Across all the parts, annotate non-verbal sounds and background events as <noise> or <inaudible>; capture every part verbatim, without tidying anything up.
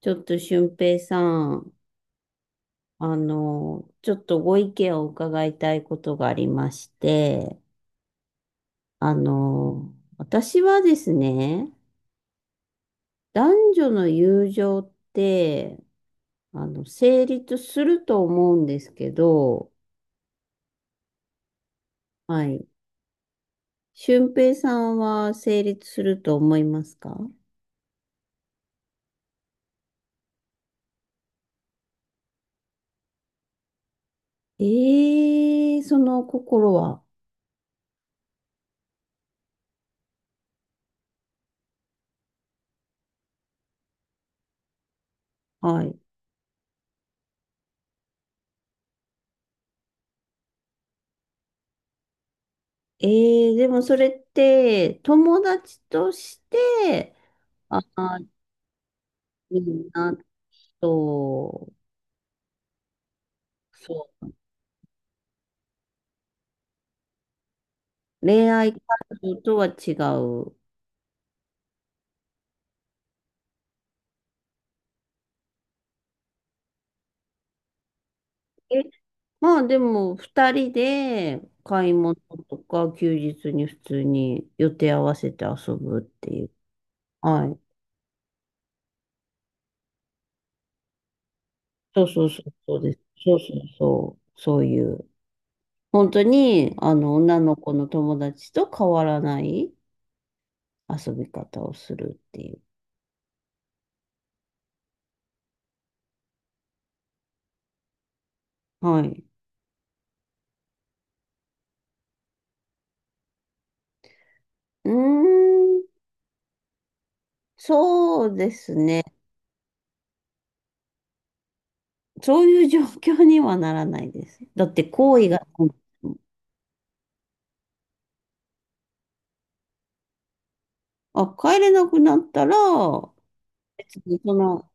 ちょっと俊平さん、あの、ちょっとご意見を伺いたいことがありまして、あの、私はですね、男女の友情って、あの、成立すると思うんですけど。はい。俊平さんは成立すると思いますか？ええ、その心は。はい。ええ、でもそれって、友達として、ああ、いいな。そう、そう、恋愛感情とは違う。え、まあでも、二人で買い物とか休日に普通に予定合わせて遊ぶっていう。はい。そうそうそう、そうです。そうそうそう、そういう。本当に、あの、女の子の友達と変わらない遊び方をするっていう。はい。うーん、そうですね。そういう状況にはならないです。だって、行為が、あ、帰れなくなったら、別にその、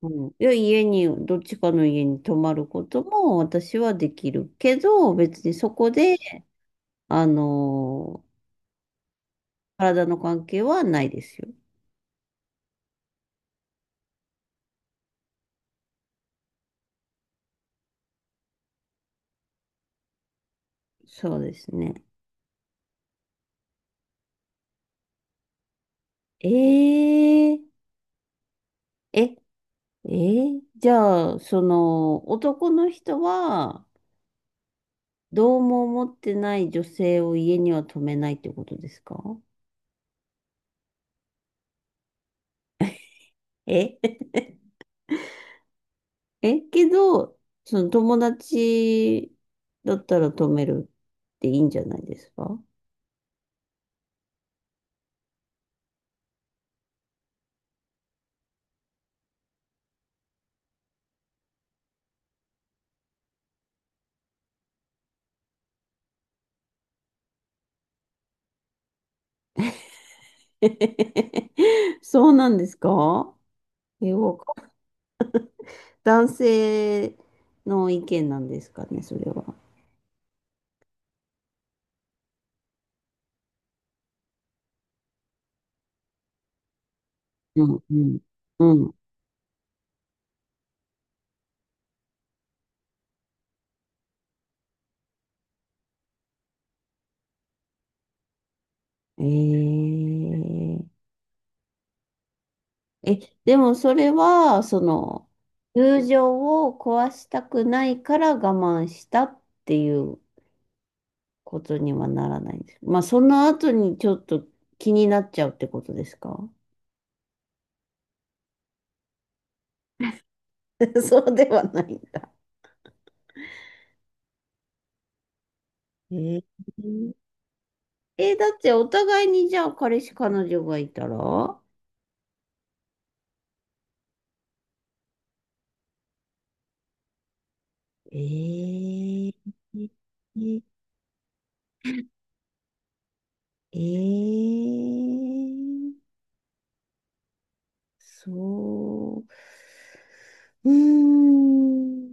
うん、いや、家に、どっちかの家に泊まることも私はできるけど、別にそこで、あの体の関係はないですよ。そうですね。えー、え、えーじゃあ、その、男の人は、どうも思ってない女性を家には泊めないってことですか？え <laughs> え、けど、その友達だったら止めるっていいんじゃないですか？ <laughs> そうなんですか？え、わか男性の意見なんですかね、それは。うん、うん、うん。えー、え、でもそれは、その、友情を壊したくないから我慢したっていうことにはならないんです。まあ、その後にちょっと気になっちゃうってことですか？ <laughs> そうではないんだ。えー、えーだってお互いにじゃあ彼氏彼女がいたらえー、えー、そう、うーん、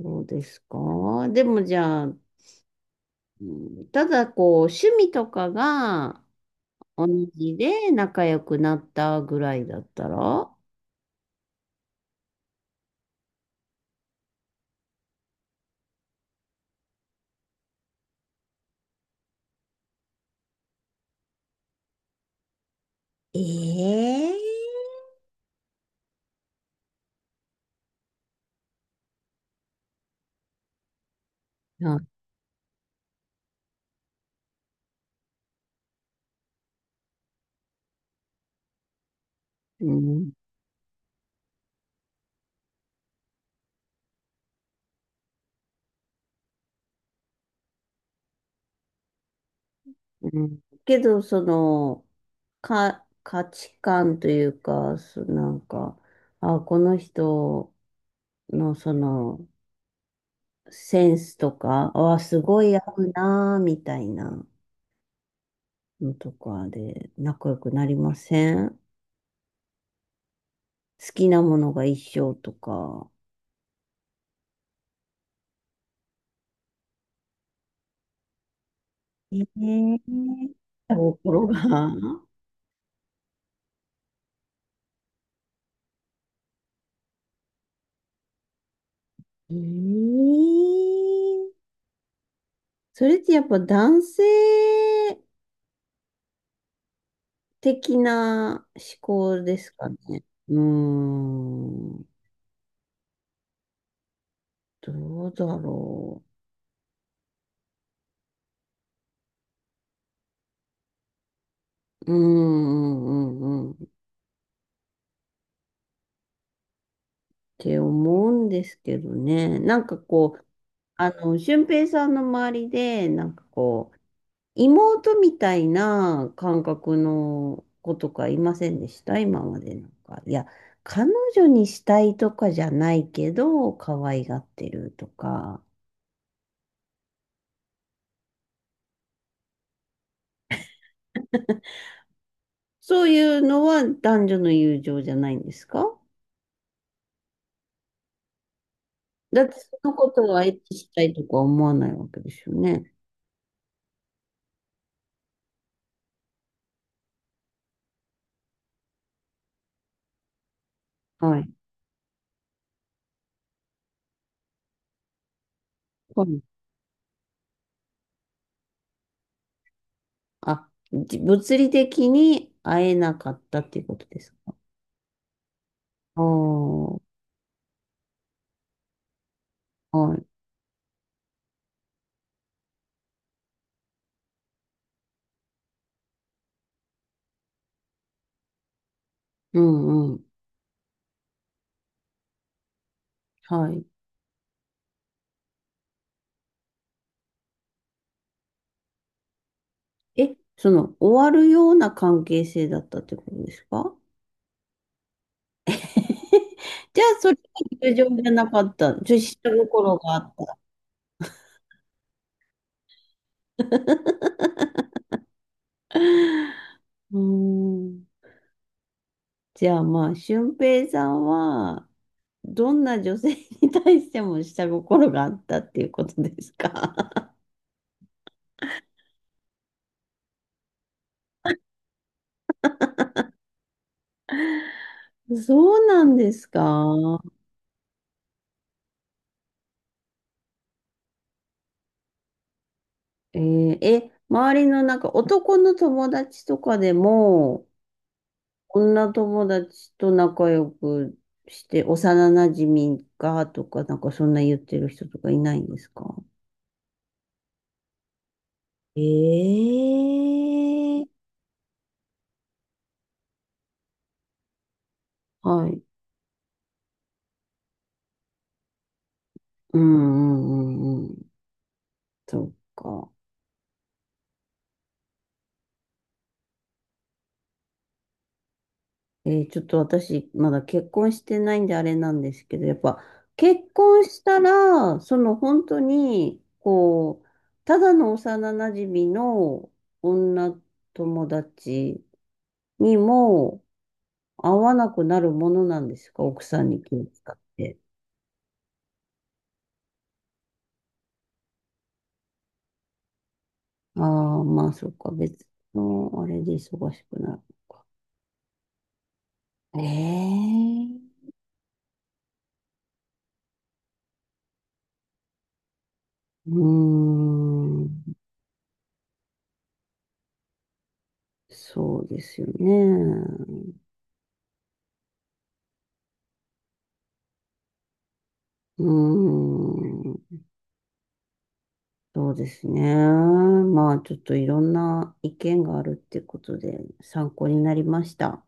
そうですか。でもじゃあ、うん、ただこう、趣味とかが、同じで仲良くなったぐらいだったら、ええ、あ、うん、うん。けど、その、か、価値観というか、そ、なんか、あ、この人のその、センスとか、あ、すごい合うなあ、みたいなのとかで仲良くなりません？好きなものが一緒とか。ええ、心がええ、それってやっぱ男性的な思考ですかね。うーん、どうだろう。うんうんうんうんって思うんですけどね。なんかこう、あの、俊平さんの周りで、なんかこう、妹みたいな感覚の子とかいませんでした、今までなんか？いや、彼女にしたいとかじゃないけど、可愛がってるとか。そういうのは男女の友情じゃないんですか？だってそのことはエッしたいとか思わないわけですよね。はい。はい。あ、じ物理的に会えなかったっていうことですか？ああー、はい。うんうん。はい。え、その、終わるような関係性だったってことですか？ <laughs> じゃあ、それは友情じゃなかった。女子心があった。<laughs> うーん。じゃあ、まあ、俊平さんは、どんな女性に対しても下心があったっていうことですか？ <laughs> そうなんですか。えーえ、周りのなんか男の友達とかでも、女友達と仲良くして、幼馴染がとか、なんかそんな言ってる人とかいないんですか？ええ。はい。うんうんうんうん。そっか。えーちょっと私、まだ結婚してないんであれなんですけど、やっぱ結婚したら、その本当に、こう、ただの幼馴染の女友達にも、合わなくなるものなんですか？奥さんに気を使って。ああ、まあ、そっか。別の、あれで忙しくなる。ええ。うーん。そうですよね。うーん。そうですね。まあ、ちょっといろんな意見があるってことで参考になりました。